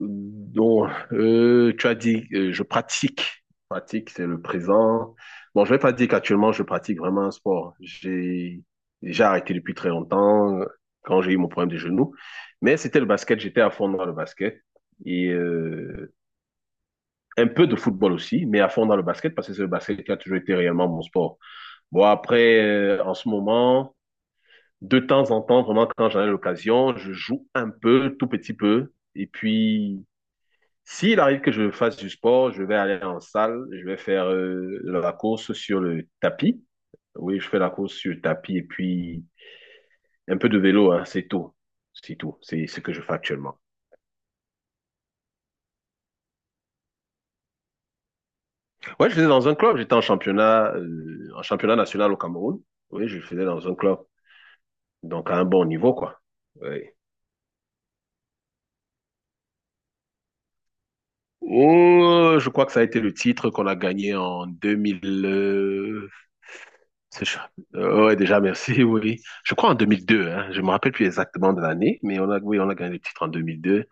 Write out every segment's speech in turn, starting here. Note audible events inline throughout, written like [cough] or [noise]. Donc, tu as dit, je pratique. Pratique, c'est le présent. Bon, je vais pas dire qu'actuellement, je pratique vraiment un sport. J'ai arrêté depuis très longtemps quand j'ai eu mon problème des genoux. Mais c'était le basket, j'étais à fond dans le basket. Et un peu de football aussi, mais à fond dans le basket parce que c'est le basket qui a toujours été réellement mon sport. Bon, après, en ce moment, de temps en temps, vraiment quand j'en ai l'occasion, je joue un peu, tout petit peu. Et puis, s'il arrive que je fasse du sport, je vais aller en salle, je vais faire la course sur le tapis. Oui, je fais la course sur le tapis et puis un peu de vélo, hein, c'est tout. C'est tout. C'est ce que je fais actuellement. Ouais, je faisais dans un club. J'étais en championnat national au Cameroun. Oui, je faisais dans un club. Donc à un bon niveau, quoi. Oui. Oh, je crois que ça a été le titre qu'on a gagné en 2000. C'est chouette. Ouais, déjà, merci, [laughs] oui. Je crois en 2002, hein. Je me rappelle plus exactement de l'année, mais on a, oui, on a gagné le titre en 2002.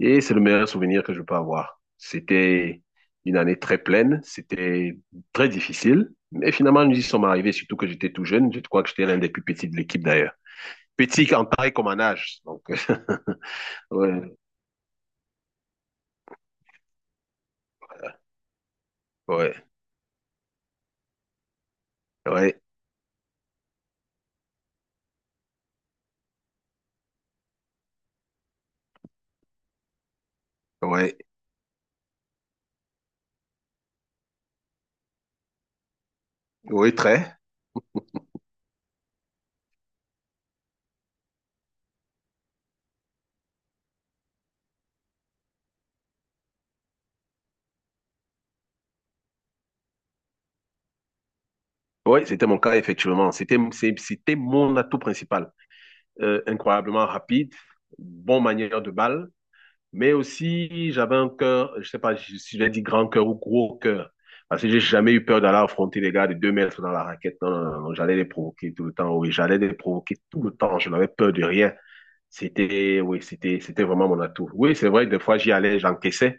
Et c'est le meilleur souvenir que je peux avoir. C'était une année très pleine, c'était très difficile, mais finalement, nous y sommes arrivés, surtout que j'étais tout jeune. Je crois que j'étais l'un des plus petits de l'équipe d'ailleurs. Petit en taille comme en âge. Donc, [laughs] ouais, ouais, ouais, ouais, ouais, très. Oui, c'était mon cas, effectivement. C'était, c'était mon atout principal. Incroyablement rapide, bon manière de balle. Mais aussi, j'avais un cœur, je sais pas si je l'ai dit grand cœur ou gros cœur. Parce que j'ai jamais eu peur d'aller affronter les gars de 2 mètres dans la raquette. Non, non, non, non, j'allais les provoquer tout le temps. Oui, j'allais les provoquer tout le temps. Je n'avais peur de rien. C'était, oui, c'était vraiment mon atout. Oui, c'est vrai, des fois, j'y allais, j'encaissais,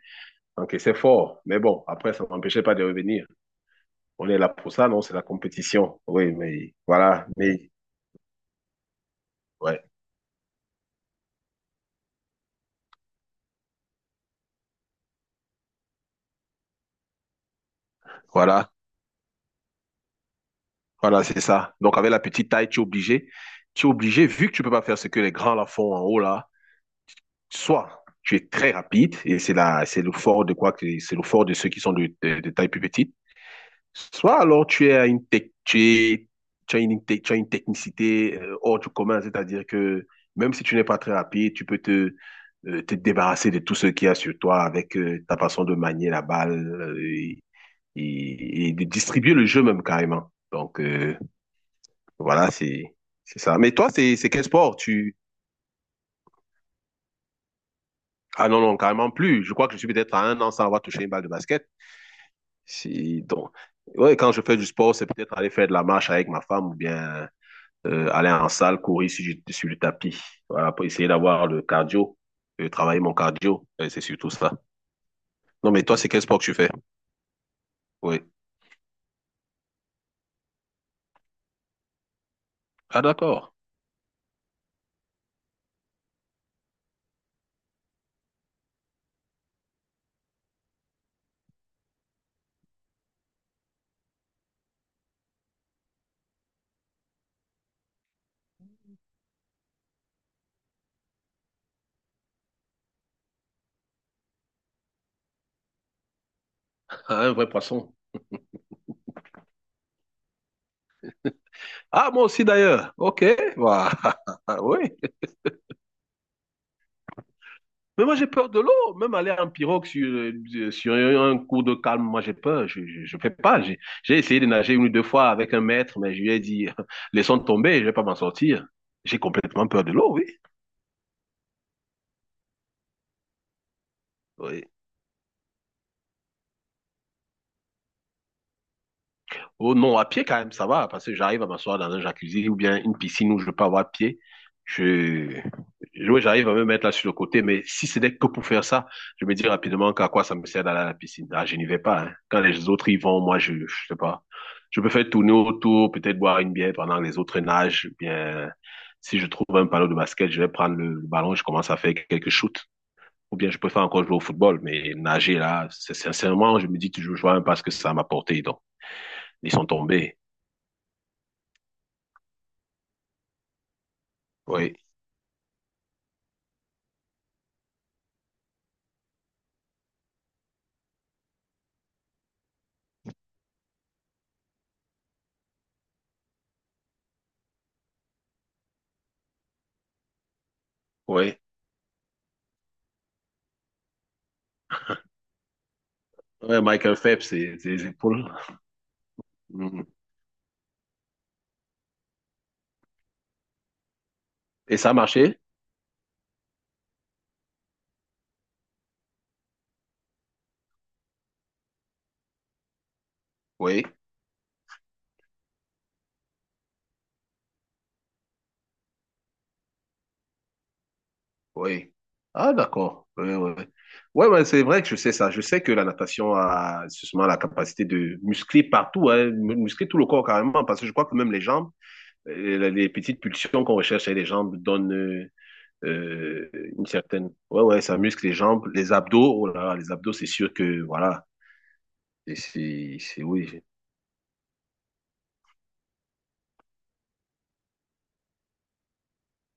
j'encaissais fort. Mais bon, après, ça m'empêchait pas de revenir. On est là pour ça, non? C'est la compétition. Oui, mais voilà, mais, ouais, voilà, voilà, c'est ça. Donc, avec la petite taille, tu es obligé. Tu es obligé, vu que tu peux pas faire ce que les grands là font en haut, là, soit tu es très rapide, et c'est le fort de quoi que c'est le fort de ceux qui sont de taille plus petite, soit alors tu as une technicité hors du commun, c'est-à-dire que même si tu n'es pas très rapide, tu peux te débarrasser de tout ce qu'il y a sur toi avec ta façon de manier la balle, et de distribuer le jeu même carrément. Donc voilà, c'est ça. Mais toi, c'est quel sport tu. Ah non non carrément plus. Je crois que je suis peut-être à un an sans avoir touché une balle de basket. Si, donc, ouais, quand je fais du sport, c'est peut-être aller faire de la marche avec ma femme ou bien aller en salle, courir sur le tapis. Voilà, pour essayer d'avoir le cardio, travailler mon cardio. Et c'est surtout ça. Non, mais toi, c'est quel sport que tu fais? Oui. Ah, d'accord. Ah, un vrai poisson. Ah, moi aussi d'ailleurs. OK. Voilà. [laughs] Oui. Mais moi, j'ai peur de l'eau. Même aller en pirogue sur un cours de calme, moi, j'ai peur. Je fais pas. J'ai essayé de nager une ou deux fois avec un maître, mais je lui ai dit, [laughs] laissons tomber, je vais pas m'en sortir. J'ai complètement peur de l'eau, oui. Oui. Oh non, à pied quand même, ça va, parce que j'arrive à m'asseoir dans un jacuzzi ou bien une piscine où je peux avoir pied. Je, ouais, j'arrive à me mettre là sur le côté, mais si c'était que pour faire ça, je me dis rapidement qu'à quoi ça me sert d'aller à la piscine. Ah, je n'y vais pas, hein. Quand les autres y vont, moi, je sais pas. Je peux faire tourner autour, peut-être boire une bière pendant que les autres nagent, ou bien, si je trouve un panneau de basket, je vais prendre le ballon, je commence à faire quelques shoots. Ou bien je peux faire encore jouer au football, mais nager là, c'est sincèrement, je me dis toujours, je vois même pas ce que ça m'a apporté, donc. Ils sont tombés. Oui, oui. Ouais, Michael Phelps, c'est les épaules. Mhm. Et ça a marché? Oui, oui. Ah, d'accord. Oui, oui. Ouais, ouais, ouais, c'est vrai que je sais ça. Je sais que la natation a justement la capacité de muscler partout, hein, muscler tout le corps carrément, parce que je crois que même les jambes, les petites pulsions qu'on recherche chez les jambes donnent euh, une certaine. Ouais, ouais, ça muscle les jambes, les abdos. Oh là là, les abdos, c'est sûr que voilà. Et oui.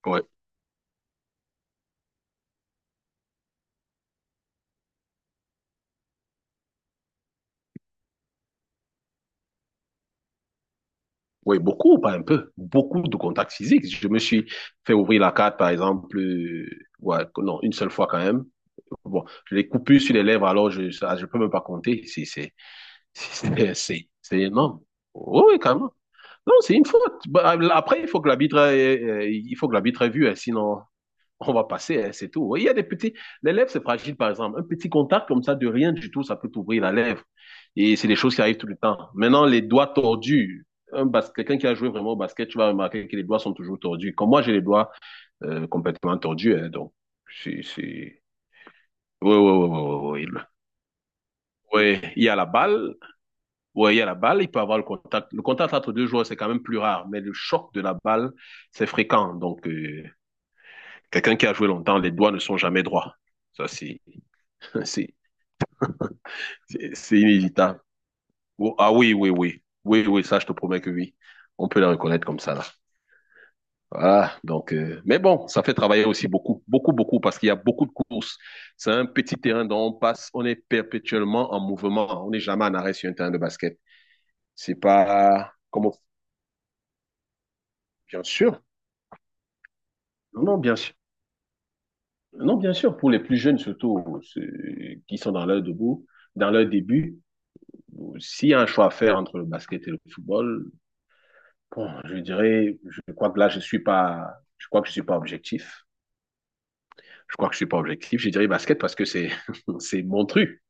Ouais. Oui, beaucoup, pas un peu. Beaucoup de contacts physiques. Je me suis fait ouvrir la carte, par exemple, ouais, non, une seule fois quand même. Bon, je l'ai coupé sur les lèvres, alors ça, je peux même pas compter. [laughs] C'est énorme. Oui, oui, carrément. Non, c'est une faute. Bah, après, il faut que l'arbitre ait vu, hein, sinon, on va passer, hein, c'est tout. Oui, il y a des petits, les lèvres, c'est fragile, par exemple. Un petit contact comme ça, de rien du tout, ça peut t'ouvrir la lèvre. Et c'est des choses qui arrivent tout le temps. Maintenant, les doigts tordus. Quelqu'un qui a joué vraiment au basket, tu vas remarquer que les doigts sont toujours tordus. Comme moi, j'ai les doigts complètement tordus. Hein, donc, c'est... c'est- oui, oui, oui, oui, oui. Oui. Oui, il y a la balle. Oui, il y a la balle. Il peut avoir le contact. Le contact entre deux joueurs, c'est quand même plus rare. Mais le choc de la balle, c'est fréquent. Donc, quelqu'un qui a joué longtemps, les doigts ne sont jamais droits. Ça, c'est, [laughs] c'est c'est inévitable. Oh, ah oui, oui, oui. Oui, oui, ça, je te promets que oui. On peut la reconnaître comme ça, là. Voilà. Donc, mais bon, ça fait travailler aussi beaucoup, beaucoup, beaucoup, parce qu'il y a beaucoup de courses. C'est un petit terrain dont on passe, on est perpétuellement en mouvement. On n'est jamais en arrêt sur un terrain de basket. C'est pas comme, bien sûr. Non, bien sûr. Non, bien sûr, pour les plus jeunes, surtout, ceux qui sont dans leur début, s'il y a un choix à faire entre le basket et le football. Bon, je dirais, je crois que là, je suis pas, je crois que je suis pas objectif. Je crois que je suis pas objectif. Je dirais basket parce que [laughs] c'est mon truc.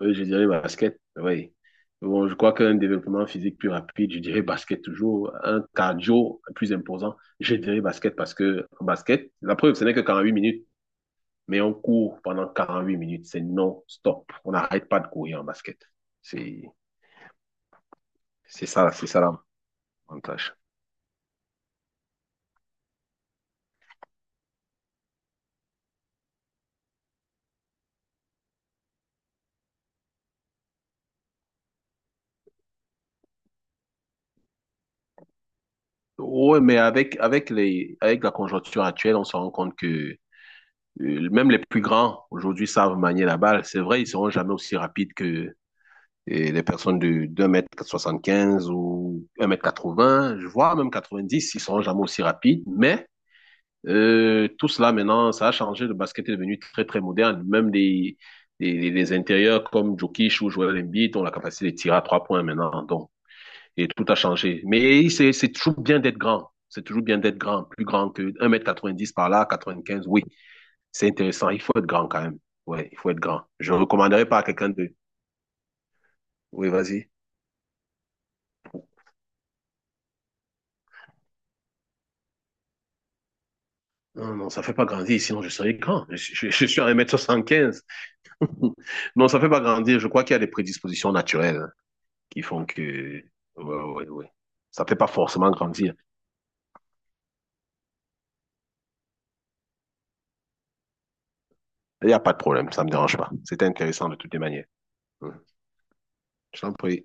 Oui, je dirais basket, oui. Bon, je crois qu'un développement physique plus rapide, je dirais basket toujours. Un cardio plus imposant, je dirais basket parce que en basket, la preuve, ce n'est que 8 minutes, mais on court pendant 48 minutes. C'est non-stop. On n'arrête pas de courir en basket. C'est, c'est ça l'avantage. Oui, mais avec la conjoncture actuelle, on se rend compte que même les plus grands aujourd'hui savent manier la balle. C'est vrai, ils seront jamais aussi rapides que les personnes de 2 soixante-quinze ou 1,80 m, je vois même 90, ils seront jamais aussi rapides. Mais tout cela maintenant, ça a changé. Le basket est devenu très, très moderne. Même les intérieurs comme Jokic ou Joel Embiid ont la capacité de tirer à 3 points maintenant. Donc, et tout a changé. Mais c'est toujours bien d'être grand. C'est toujours bien d'être grand, plus grand que un mètre quatre-vingt-dix par là, 95. Oui. C'est intéressant. Il faut être grand quand même. Ouais, il faut être grand. Je ne recommanderais pas à quelqu'un de. Oui, vas-y. Non, non, ça ne fait pas grandir, sinon je serais grand. Je suis à un mètre soixante-quinze. [laughs] Non, ça ne fait pas grandir. Je crois qu'il y a des prédispositions naturelles qui font que. Ouais, ouais, ouais. Ça ne fait pas forcément grandir. Il n'y a pas de problème, ça ne me dérange pas. C'était intéressant de toutes les manières. Ouais. Je t'en prie.